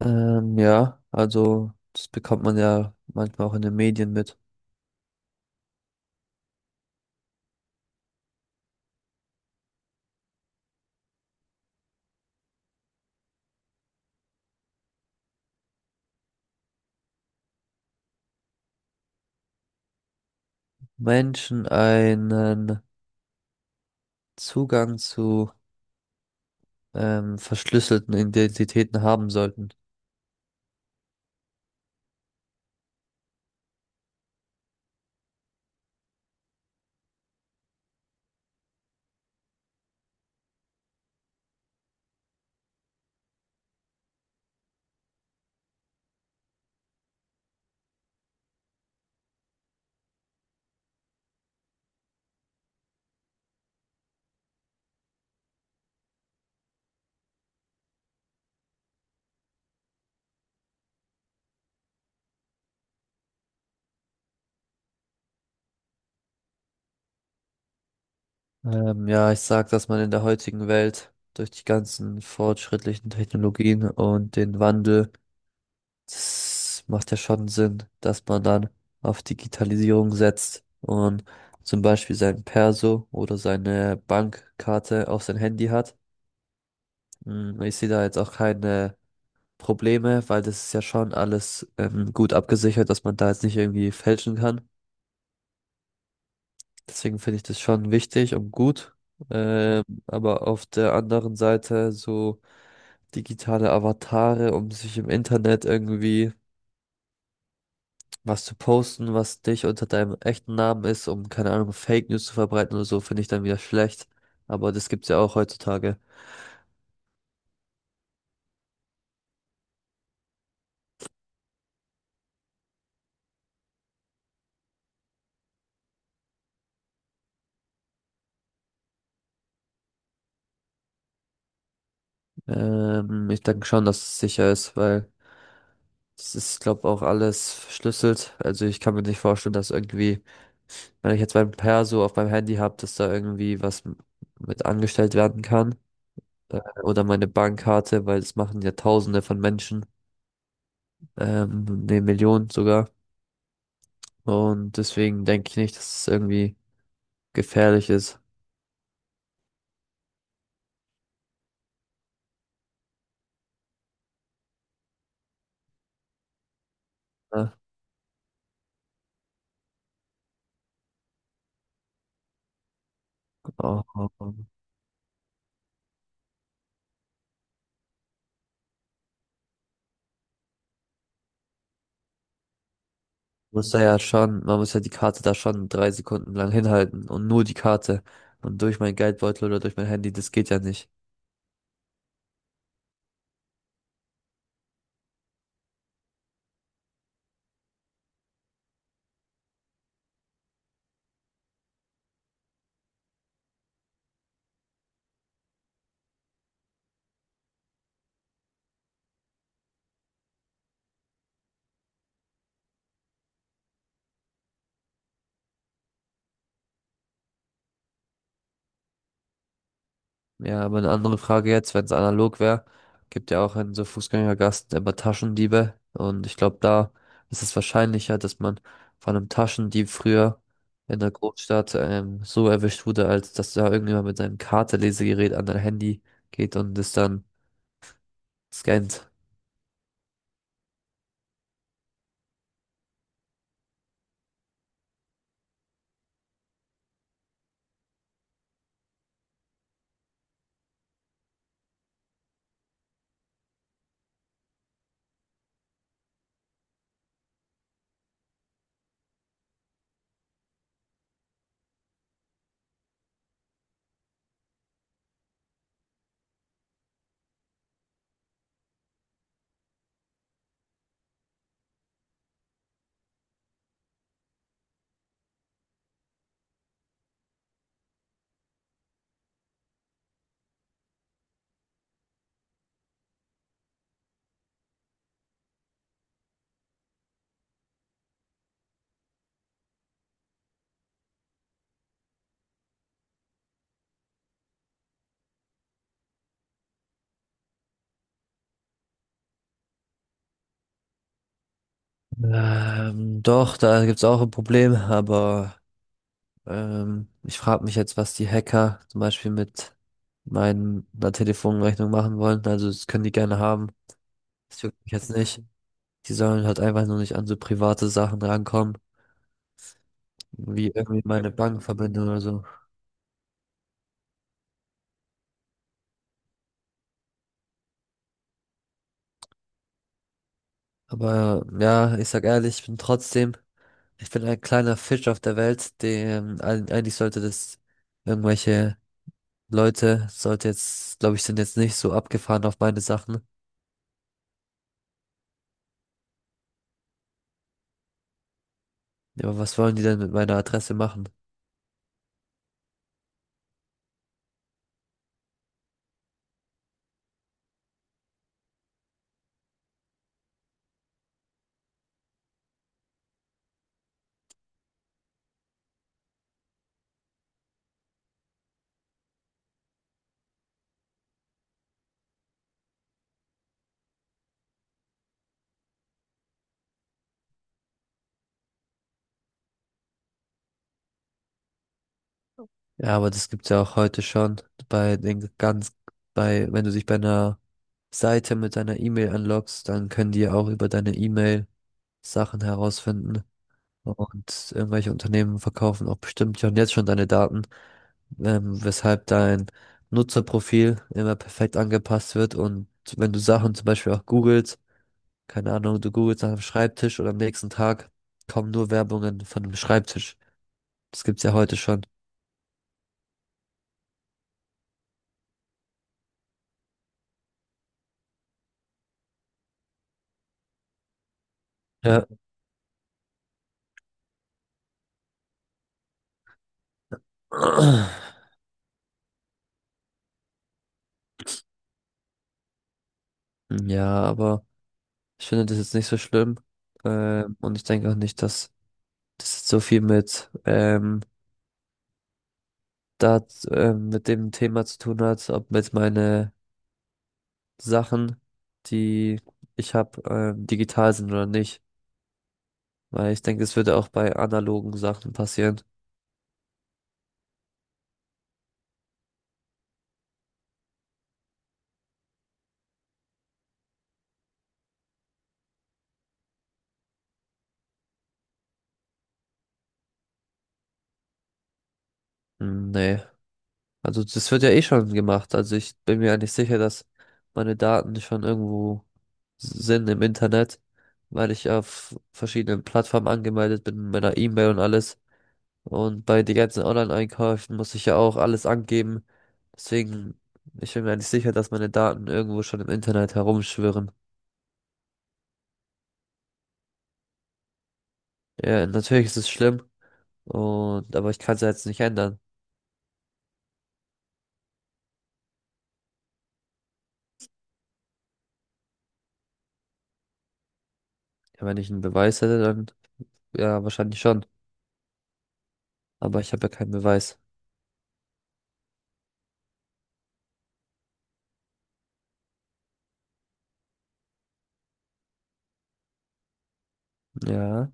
Ja, also das bekommt man ja manchmal auch in den Medien mit. Menschen einen Zugang zu verschlüsselten Identitäten haben sollten. Ja, ich sag, dass man in der heutigen Welt durch die ganzen fortschrittlichen Technologien und den Wandel, das macht ja schon Sinn, dass man dann auf Digitalisierung setzt und zum Beispiel sein Perso oder seine Bankkarte auf sein Handy hat. Ich sehe da jetzt auch keine Probleme, weil das ist ja schon alles gut abgesichert, dass man da jetzt nicht irgendwie fälschen kann. Deswegen finde ich das schon wichtig und gut. Aber auf der anderen Seite so digitale Avatare, um sich im Internet irgendwie was zu posten, was dich unter deinem echten Namen ist, um keine Ahnung, Fake News zu verbreiten oder so, finde ich dann wieder schlecht. Aber das gibt's ja auch heutzutage. Ich denke schon, dass es sicher ist, weil das ist, glaube auch alles verschlüsselt. Also ich kann mir nicht vorstellen, dass irgendwie, wenn ich jetzt mein Perso auf meinem Handy habe, dass da irgendwie was mit angestellt werden kann, oder meine Bankkarte, weil das machen ja Tausende von Menschen, ne, Millionen sogar. Und deswegen denke ich nicht, dass es irgendwie gefährlich ist. Ne? Oh, oh, oh. Man muss da ja schon, man muss ja die Karte da schon 3 Sekunden lang hinhalten und nur die Karte. Und durch meinen Geldbeutel oder durch mein Handy, das geht ja nicht. Ja, aber eine andere Frage jetzt, wenn es analog wäre, gibt ja auch in so Fußgängergassen immer Taschendiebe. Und ich glaube, da ist es wahrscheinlicher, dass man von einem Taschendieb früher in der Großstadt so erwischt wurde, als dass da irgendjemand mit seinem Kartenlesegerät an dein Handy geht und es dann scannt. Doch, da gibt's auch ein Problem, aber ich frage mich jetzt, was die Hacker zum Beispiel mit meiner Telefonrechnung machen wollen. Also das können die gerne haben. Das juckt mich jetzt nicht. Die sollen halt einfach nur nicht an so private Sachen rankommen, wie irgendwie meine Bankverbindung oder so. Aber ja, ich sag ehrlich, ich bin trotzdem, ich bin ein kleiner Fisch auf der Welt, dem eigentlich sollte das irgendwelche Leute, sollte jetzt, glaube ich, sind jetzt nicht so abgefahren auf meine Sachen. Ja, aber was wollen die denn mit meiner Adresse machen? Ja, aber das gibt's ja auch heute schon bei den ganz, bei, wenn du dich bei einer Seite mit deiner E-Mail anloggst, dann können die ja auch über deine E-Mail Sachen herausfinden. Und irgendwelche Unternehmen verkaufen auch bestimmt ja und jetzt schon deine Daten, weshalb dein Nutzerprofil immer perfekt angepasst wird. Und wenn du Sachen zum Beispiel auch googelst, keine Ahnung, du googelst nach einem Schreibtisch und am nächsten Tag kommen nur Werbungen von einem Schreibtisch. Das gibt's ja heute schon. Ja. Ja, aber ich finde das jetzt nicht so schlimm. Und ich denke auch nicht, dass das jetzt so viel mit da mit dem Thema zu tun hat, ob jetzt meine Sachen, die ich habe, digital sind oder nicht. Weil ich denke, es würde auch bei analogen Sachen passieren. Hm, nee. Also das wird ja eh schon gemacht. Also ich bin mir eigentlich sicher, dass meine Daten schon irgendwo sind im Internet, weil ich auf verschiedenen Plattformen angemeldet bin, mit meiner E-Mail und alles. Und bei den ganzen Online-Einkäufen muss ich ja auch alles angeben. Deswegen, ich bin mir nicht sicher, dass meine Daten irgendwo schon im Internet herumschwirren. Ja, natürlich ist es schlimm. Und, aber ich kann es ja jetzt nicht ändern. Ja, wenn ich einen Beweis hätte, dann ja, wahrscheinlich schon. Aber ich habe ja keinen Beweis. Ja,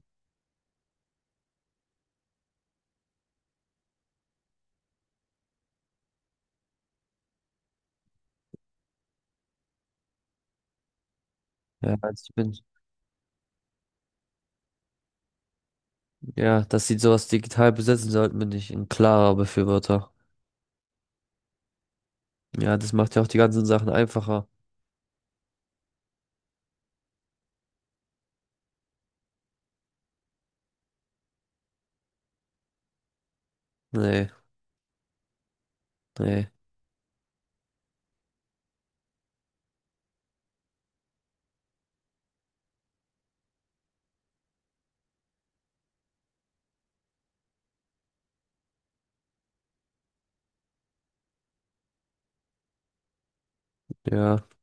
ja, also ich bin, ja, dass sie sowas digital besitzen sollten, bin ich ein klarer Befürworter. Ja, das macht ja auch die ganzen Sachen einfacher. Nee, nee, ja.